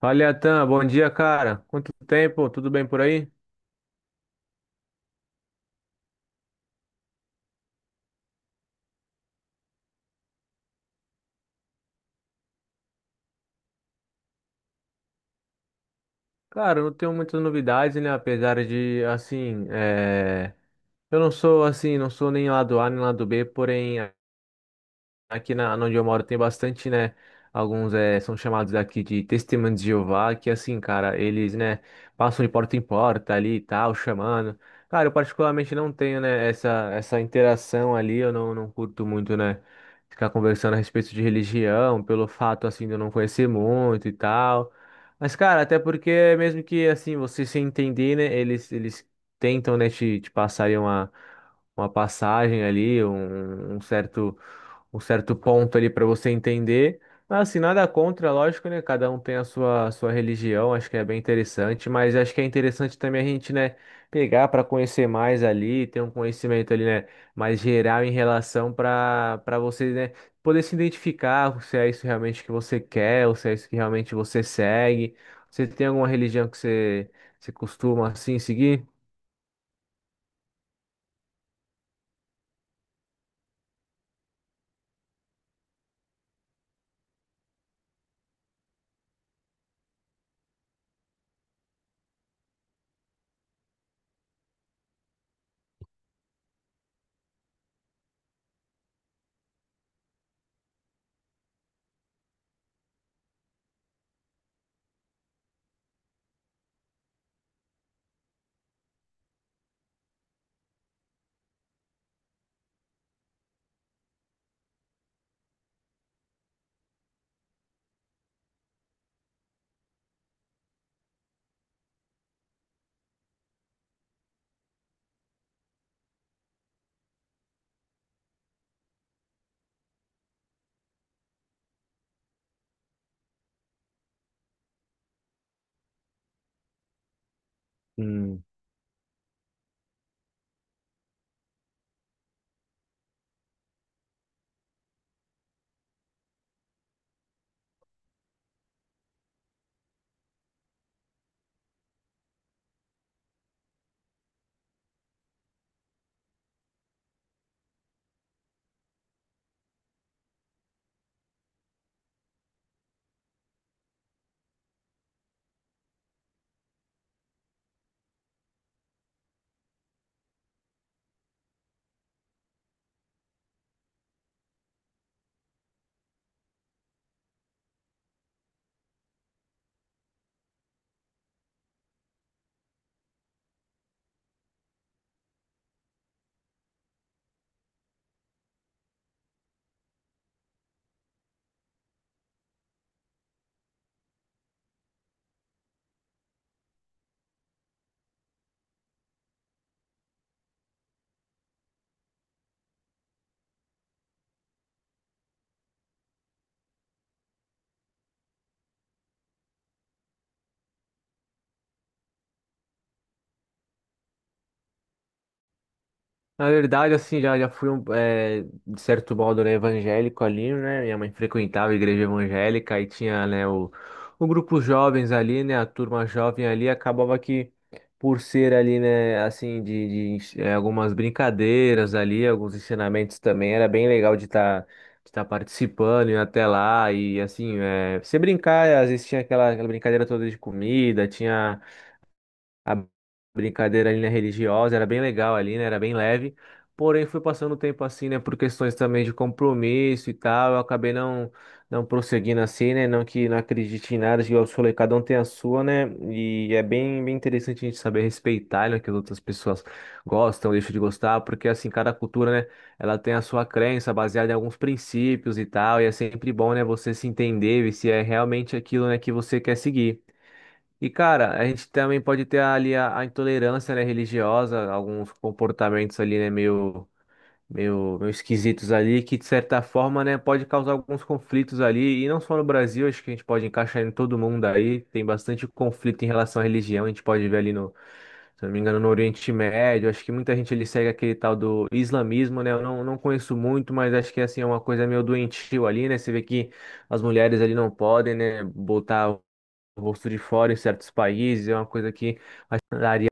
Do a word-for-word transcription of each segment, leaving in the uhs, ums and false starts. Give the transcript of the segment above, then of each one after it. Fala, Atan, bom dia, cara. Quanto tempo? Tudo bem por aí? Cara, eu não tenho muitas novidades, né? Apesar de, assim, é, eu não sou assim, não sou nem lado A nem lado B, porém aqui na, onde eu moro tem bastante, né? Alguns eh, são chamados aqui de testemunhos de Jeová, que assim, cara, eles, né, passam de porta em porta ali e tal, chamando. Cara, eu particularmente não tenho, né, essa, essa interação ali, eu não, não curto muito, né, ficar conversando a respeito de religião, pelo fato, assim, de eu não conhecer muito e tal. Mas, cara, até porque mesmo que, assim, você se entender, né, eles, eles tentam, né, te, te passarem uma, uma passagem ali, um um certo um certo ponto ali para você entender. Mas assim, nada contra, lógico, né? Cada um tem a sua, sua religião, acho que é bem interessante, mas acho que é interessante também a gente, né, pegar para conhecer mais ali, ter um conhecimento ali, né, mais geral em relação para para você, né, poder se identificar se é isso realmente que você quer, ou se é isso que realmente você segue. Você tem alguma religião que você, você costuma assim seguir? Na verdade, assim, já, já fui, um, eh, de certo modo, né, evangélico ali, né? Minha mãe frequentava a igreja evangélica e tinha, né, o, o grupo jovens ali, né? A turma jovem ali acabava que, por ser ali, né, assim, de, de, eh, algumas brincadeiras ali, alguns ensinamentos também, era bem legal de estar de estar participando, e até lá e, assim, eh, você brincar, às vezes tinha aquela, aquela brincadeira toda de comida, tinha a brincadeira ali, né, religiosa, era bem legal ali, né, era bem leve. Porém, fui passando o tempo assim, né, por questões também de compromisso e tal, eu acabei não não prosseguindo assim, né, não que não acredite em nada, igual eu falei, cada um tem a sua, né, e é bem, bem interessante a gente saber respeitar, né, que as outras pessoas gostam, deixam de gostar, porque assim, cada cultura, né, ela tem a sua crença baseada em alguns princípios e tal, e é sempre bom, né, você se entender e se é realmente aquilo, né, que você quer seguir. E, cara, a gente também pode ter ali a, a intolerância, né, religiosa, alguns comportamentos ali, né, meio, meio, meio esquisitos ali, que de certa forma, né, pode causar alguns conflitos ali, e não só no Brasil, acho que a gente pode encaixar em todo mundo aí, tem bastante conflito em relação à religião, a gente pode ver ali no, se eu não me engano, no Oriente Médio, acho que muita gente ele segue aquele tal do islamismo, né, eu não, não conheço muito, mas acho que, assim, é uma coisa meio doentio ali, né, você vê que as mulheres ali não podem, né, botar gosto de fora em certos países, é uma coisa que daria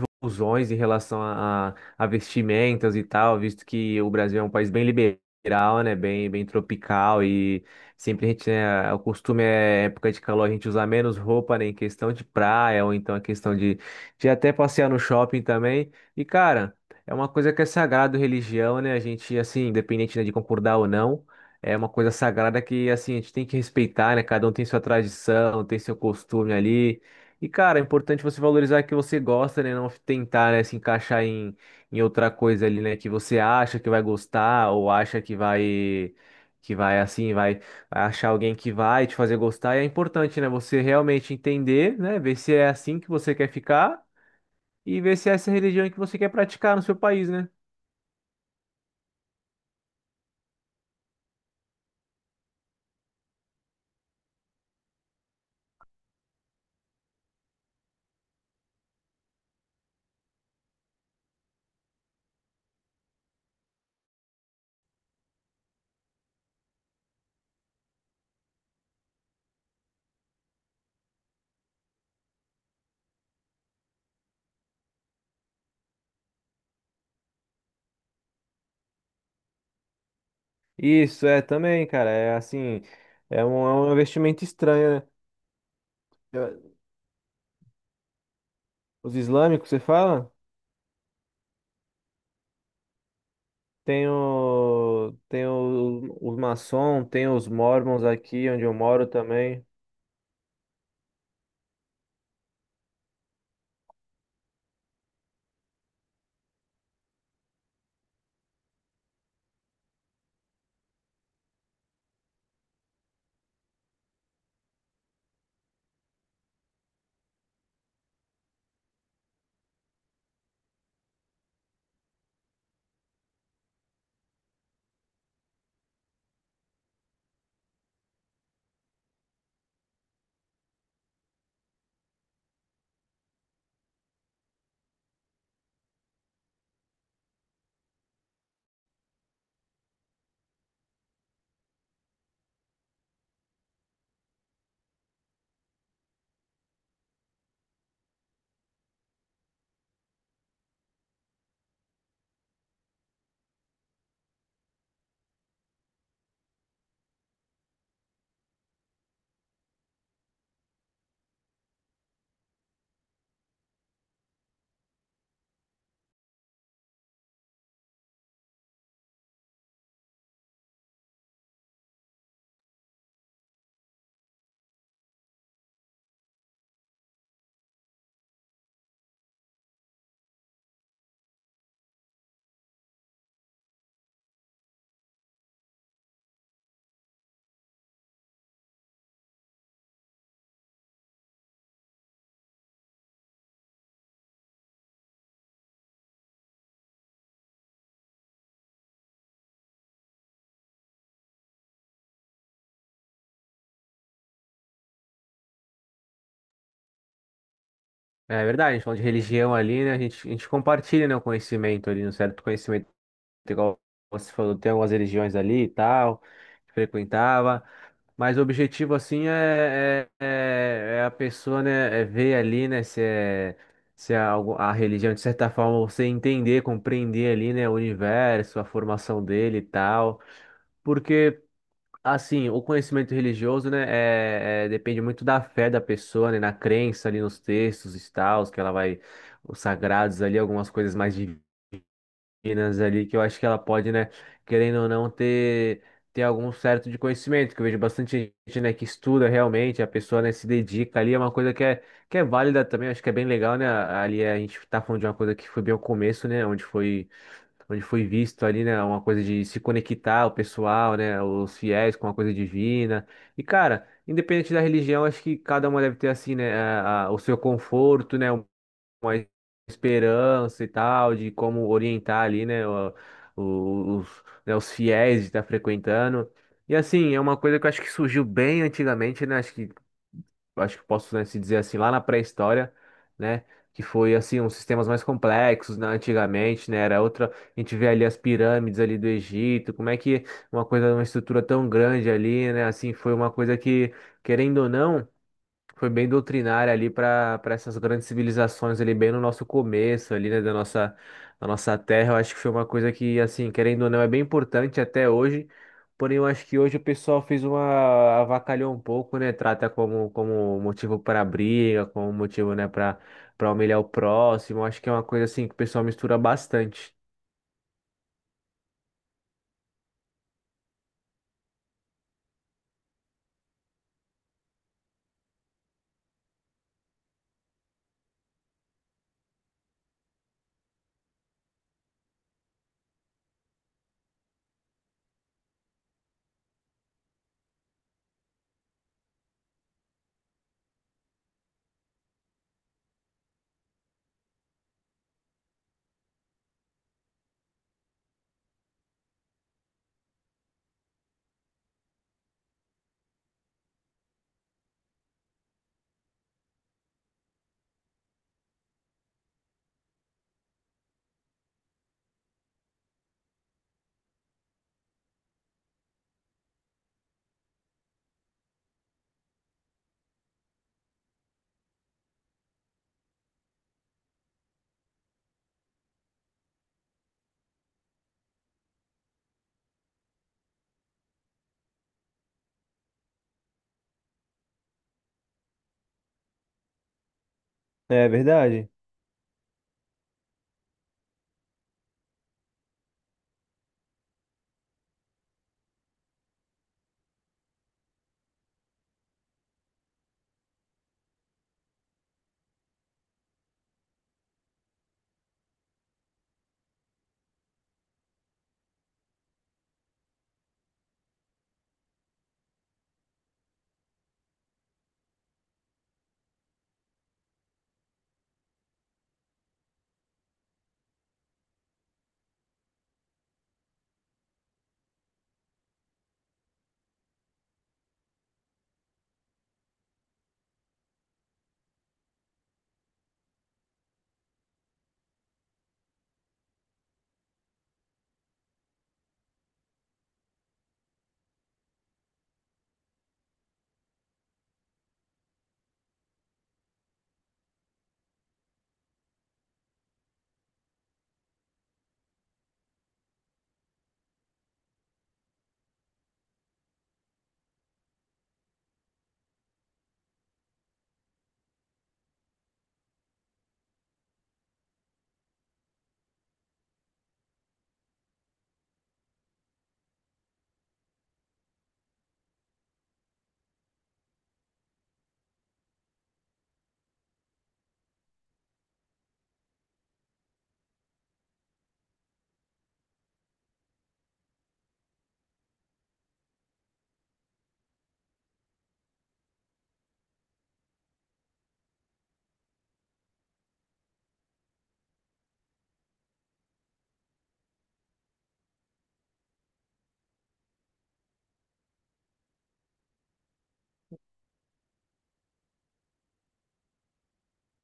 confusões em relação a, a vestimentas e tal, visto que o Brasil é um país bem liberal, né? Bem, bem tropical e sempre a gente, né, o costume é época de calor a gente usar menos roupa, né? Em questão de praia ou então a questão de, de até passear no shopping também. E, cara, é uma coisa que é sagrado religião, né? A gente, assim, independente, né, de concordar ou não. É uma coisa sagrada que, assim, a gente tem que respeitar, né? Cada um tem sua tradição, tem seu costume ali. E, cara, é importante você valorizar o que você gosta, né? Não tentar, né, se encaixar em, em outra coisa ali, né? Que você acha que vai gostar ou acha que vai, que vai assim, vai, vai achar alguém que vai te fazer gostar. E é importante, né? Você realmente entender, né? Ver se é assim que você quer ficar e ver se é essa religião que você quer praticar no seu país, né? Isso, é também, cara. É assim, é um, é um investimento estranho, né? Os islâmicos, você fala? Tem o, tem o, os maçons tem os mormons aqui onde eu moro também. É verdade, a gente falando de religião ali, né? A gente, a gente compartilha, né, o conhecimento ali, um certo conhecimento, igual você falou, tem algumas religiões ali e tal, que frequentava. Mas o objetivo, assim, é, é, é- é a pessoa, né, é ver ali, né, se é, se é algo, a religião, de certa forma, você entender, compreender ali, né, o universo, a formação dele e tal. Porque Assim, o conhecimento religioso, né, é, é- depende muito da fé da pessoa, né, na crença ali nos textos e tal que ela vai, os sagrados ali, algumas coisas mais meninas ali, que eu acho que ela pode, né, querendo ou não, ter, ter algum certo de conhecimento, que eu vejo bastante gente, né, que estuda realmente, a pessoa, né, se dedica ali, é uma coisa que é, que é válida também, acho que é bem legal, né, ali a gente tá falando de uma coisa que foi bem o começo, né, onde foi onde foi visto ali, né, uma coisa de se conectar o pessoal, né, os fiéis com uma coisa divina. E cara, independente da religião, acho que cada uma deve ter assim, né, a- a- o seu conforto, né, uma esperança e tal, de como orientar ali, né, o- o- os, né, os fiéis de estar frequentando. E assim, é uma coisa que eu acho que surgiu bem antigamente, né? Acho que acho que posso, né, se dizer assim, lá na pré-história, né? Que foi assim, uns sistemas mais complexos, né, antigamente, né? Era outra. A gente vê ali as pirâmides ali do Egito, como é que uma coisa, uma estrutura tão grande ali, né? Assim, foi uma coisa que, querendo ou não foi bem doutrinária ali para para essas grandes civilizações ali bem no nosso começo ali, né, da nossa da nossa terra. Eu acho que foi uma coisa que assim, querendo ou não, é bem importante até hoje. Porém, eu acho que hoje o pessoal fez uma avacalhou um pouco, né? Trata como como motivo para briga, como motivo, né, para para humilhar o próximo. Eu acho que é uma coisa assim que o pessoal mistura bastante. É verdade.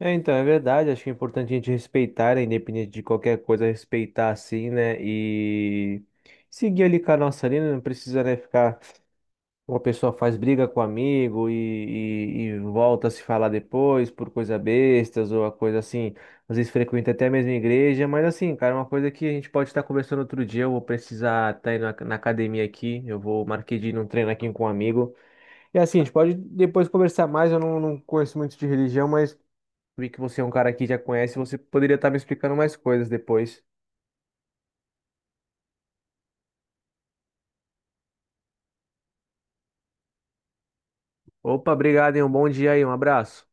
É, então, é verdade, acho que é importante a gente respeitar, né, independente de qualquer coisa, respeitar assim, né? E seguir ali com a nossa linha, né, não precisa, né, ficar. Uma pessoa faz briga com amigo e, e, e volta a se falar depois por coisa bestas ou a coisa assim, às vezes frequenta até a mesma igreja, mas assim, cara, é uma coisa que a gente pode estar conversando outro dia, eu vou precisar estar indo na, na academia aqui, eu vou marquei de ir num treino aqui com um amigo. E assim, a gente pode depois conversar mais, eu não, não conheço muito de religião, mas vi que você é um cara que já conhece, você poderia estar me explicando mais coisas depois. Opa, obrigado, hein? Um bom dia aí, um abraço.